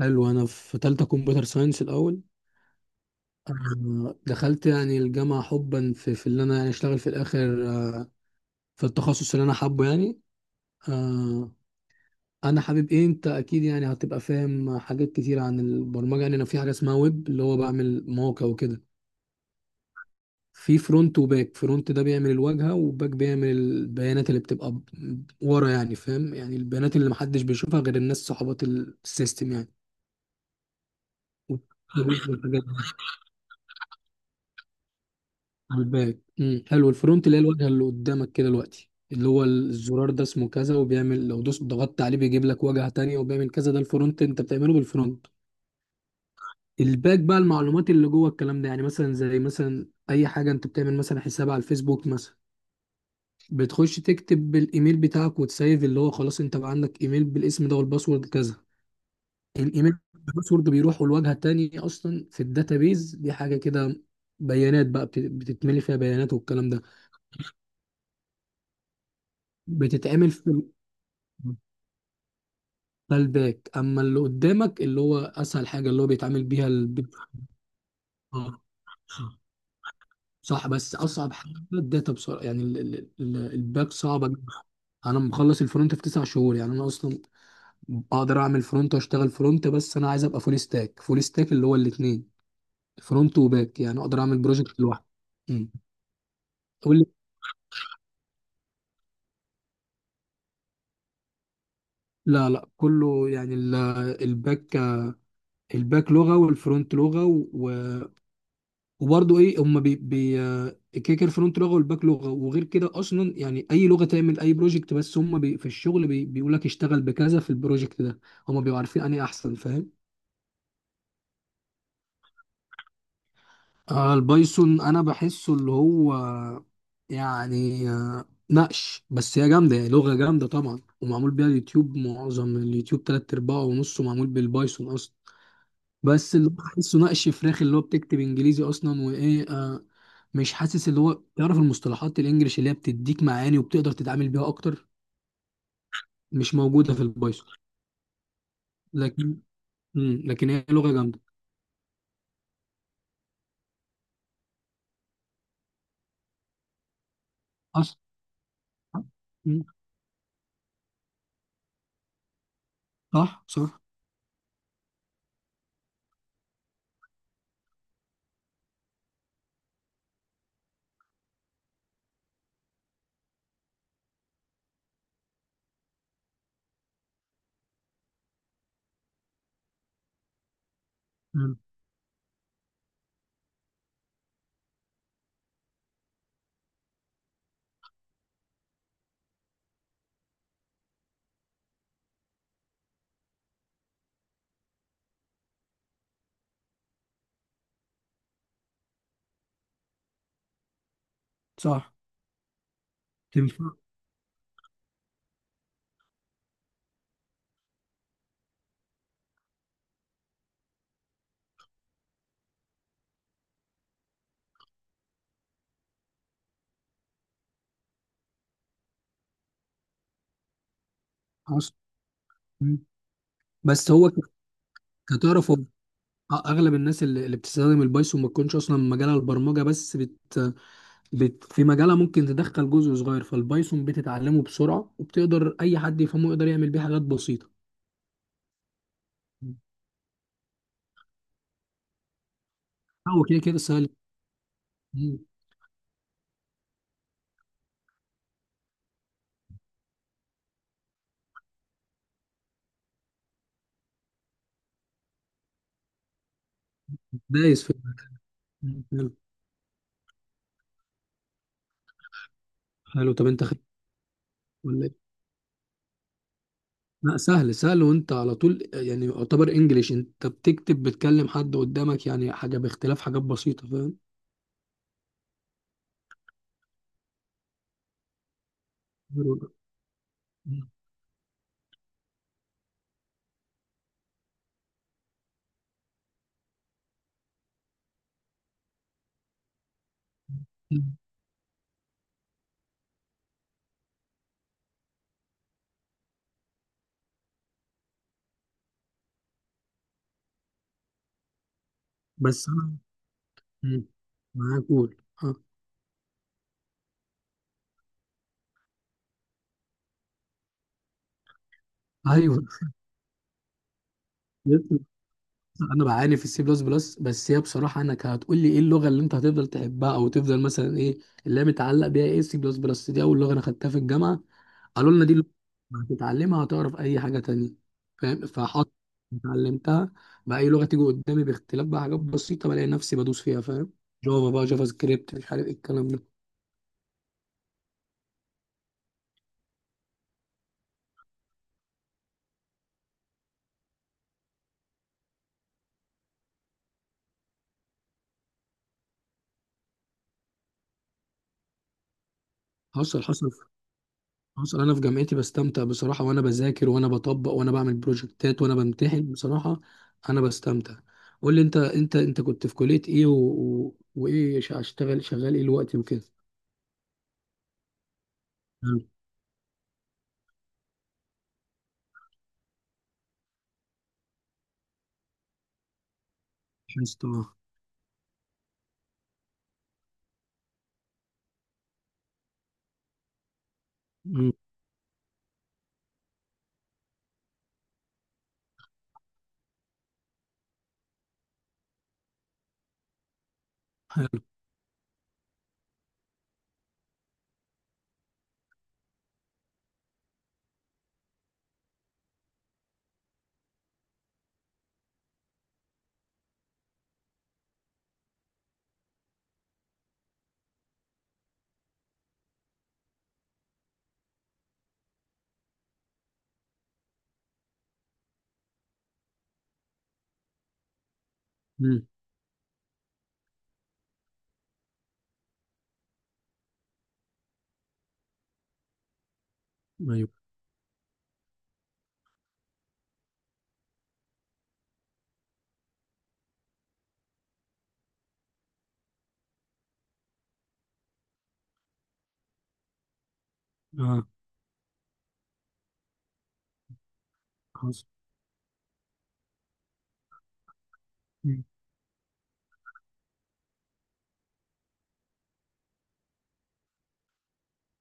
حلو، انا في تالتة كمبيوتر ساينس الاول. دخلت يعني الجامعة حبا في اللي انا يعني اشتغل في الاخر، في التخصص اللي انا حابه يعني. آه، انا حابب ايه، انت اكيد يعني هتبقى فاهم حاجات كتير عن البرمجة. يعني انا في حاجة اسمها ويب، اللي هو بعمل مواقع وكده. في فرونت وباك. فرونت ده بيعمل الواجهة، وباك بيعمل البيانات اللي بتبقى ورا، يعني فاهم، يعني البيانات اللي محدش بيشوفها غير الناس صحابات السيستم. يعني على الباك، حلو، الفرونت اللي هي الواجهه اللي قدامك كده دلوقتي، اللي هو الزرار ده اسمه كذا وبيعمل، لو دوس ضغطت عليه بيجيب لك واجهه تانية وبيعمل كذا. ده الفرونت، انت بتعمله بالفرونت. الباك بقى المعلومات اللي جوه الكلام ده. يعني مثلا، زي مثلا اي حاجه انت بتعمل، مثلا حساب على الفيسبوك مثلا. بتخش تكتب بالايميل بتاعك وتسيف، اللي هو خلاص انت بقى عندك ايميل بالاسم ده والباسورد كذا. الايميل الباسورد بيروح والواجهه التانية اصلا في الداتابيز دي، حاجه كده، بيانات بقى بتتملي فيها بيانات والكلام ده. بتتعمل في. ده الباك. اما اللي قدامك اللي هو اسهل حاجه، اللي هو بيتعامل بيها اه، صح. بس اصعب حاجه الداتا بسرعه يعني، الباك صعبه جداً. انا مخلص الفرونت في 9 شهور. يعني انا اصلا اقدر اعمل فرونت واشتغل فرونت، بس انا عايز ابقى فول ستاك. فول ستاك اللي هو الاثنين، فرونت وباك، يعني اقدر اعمل بروجكت لوحدي. أمم. قول لي. لا لا، كله يعني الباك الباك لغه والفرونت لغه. وبرضه ايه، هم بي كده كده الفرونت لغه والباك لغه. وغير كده اصلا يعني اي لغه تعمل اي بروجكت، بس هم بي في الشغل، بي بيقول لك اشتغل بكذا في البروجكت ده. هم بيبقوا عارفين انهي احسن، فاهم. آه، البايثون انا بحسه اللي هو يعني، نقش. بس هي جامده يعني، لغه جامده طبعا، ومعمول بيها اليوتيوب، معظم اليوتيوب تلات ارباعه ونصه معمول بالبايثون اصلا. بس اللي بحسه نقش فراخ، اللي هو بتكتب انجليزي اصلا. وايه، مش حاسس اللي هو تعرف المصطلحات الانجليش اللي هي بتديك معاني وبتقدر تتعامل بيها اكتر. مش موجوده في البايثون. لكن لكن هي لغه جامده. اصلا. مم. صح، صح. مم. صح، تنفع. اصلا. مم. بس هو كتعرف هو، اغلب الناس اللي بتستخدم البايثون ما تكونش اصلا مجالها البرمجه، بس في مجالها ممكن تدخل جزء صغير فالبايثون، بتتعلمه بسرعه وبتقدر اي حد يفهمه يقدر يعمل بيه حاجات بسيطه. مم. هو كده كده سهل. مم. دايس في. مم. حلو، طب انت خدت ولا ايه؟ لا، سهل سهل، وانت على طول يعني يعتبر انجليش، انت بتكتب بتكلم حد قدامك يعني، حاجه باختلاف حاجات بسيطه، فاهم. حلو ده. مم. بس انا، مم، معاك. قول. اه. ايوه. انا بعاني في السي بلس بلس. بس هي بصراحه، انك هتقول لي ايه اللغه اللي انت هتفضل تحبها او تفضل مثلا، ايه اللي هي متعلق بيها. ايه، السي بلس بلس دي اول لغه انا خدتها في الجامعه. قالوا لنا دي اللغة، هتتعلمها هتعرف اي حاجه تانية، فاهم. فحط اتعلمتها. بقى اي لغه تيجي قدامي باختلاف بقى حاجات بسيطه، بلاقي نفسي بدوس فيها، فاهم. جافا، بقى جافا سكريبت، مش عارف ايه الكلام ده. حصل، حصل، حصل. انا في جامعتي بستمتع بصراحه، وانا بذاكر وانا بطبق وانا بعمل بروجكتات وانا بمتحن بصراحه، انا بستمتع. قول لي، انت كنت في كليه ايه وايه، هشتغل شغال ايه الوقت وكده. مم. حسيت. اه. مم. مم. ايوه. اه. حصل. مم.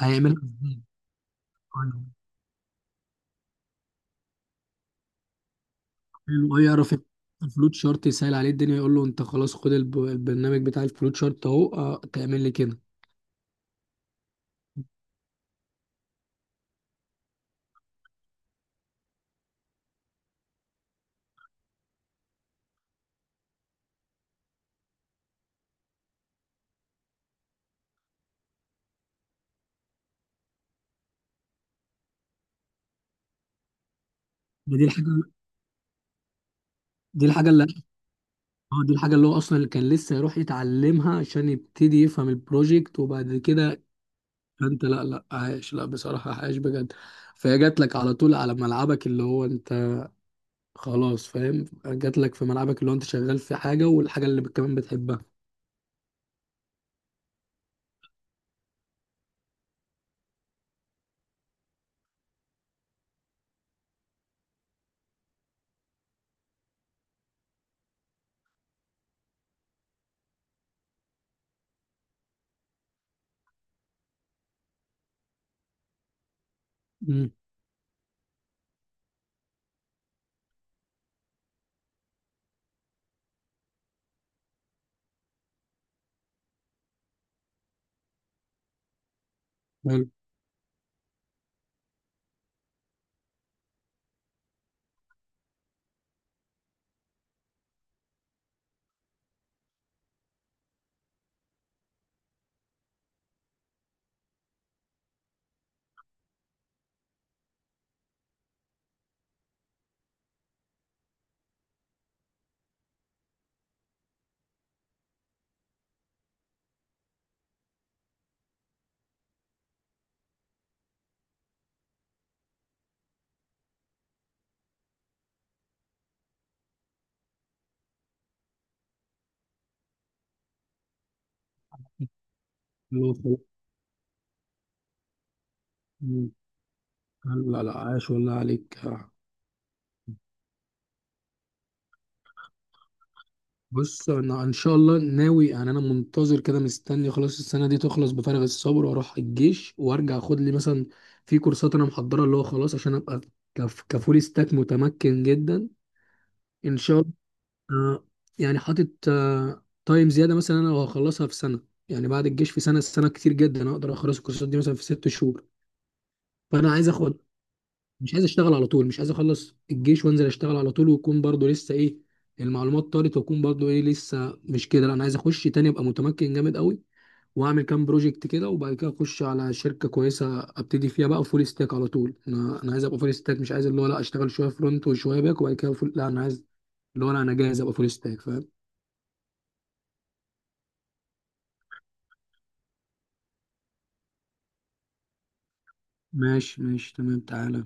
هيعملها ازاي. حلو. حلو. اه يعرف الفلوت شارت يسهل عليه الدنيا. يقول له انت خلاص، خد البرنامج بتاع الفلوت شارت اهو، اه، تعمل لي كده. دي الحاجه دي الحاجه اللي دي الحاجة اللي هو أصلا، اللي كان لسه يروح يتعلمها عشان يبتدي يفهم البروجكت، وبعد كده. أنت، لا لا، عايش، لا بصراحة، عايش بجد. فهي جات لك على طول، على ملعبك اللي هو أنت، خلاص فاهم، جات لك في ملعبك اللي هو أنت شغال في حاجة، والحاجة اللي كمان بتحبها. امم حلو، اللي هو خلاص. أمم. حلو. لا لا، عايش والله عليك. بص، انا ان شاء الله ناوي يعني، انا منتظر كده مستني خلاص السنه دي تخلص بفارغ الصبر، واروح الجيش وارجع اخد لي مثلا في كورسات انا محضرها، اللي هو خلاص عشان ابقى كفول ستاك متمكن جدا. ان شاء الله. آه، يعني حاطط تايم زياده مثلا، انا هخلصها في سنه. يعني بعد الجيش في سنه. سنه كتير جدا، اقدر اخلص الكورسات دي مثلا في 6 شهور. فانا عايز اخد، مش عايز اشتغل على طول، مش عايز اخلص الجيش وانزل اشتغل على طول ويكون برضو لسه ايه. المعلومات طارت، واكون برضو ايه لسه مش كده. لا انا عايز اخش تاني ابقى متمكن جامد قوي، واعمل كام بروجكت كده، وبعد كده اخش على شركه كويسه ابتدي فيها بقى فول ستاك على طول. انا عايز ابقى فول ستاك، مش عايز اللي هو لا اشتغل شويه فرونت وشويه باك وبعد كده فول. لا، انا عايز، اللي هو لا، انا جاهز ابقى فول ستاك، فاهم. ماشي ماشي، تمام، تعالى.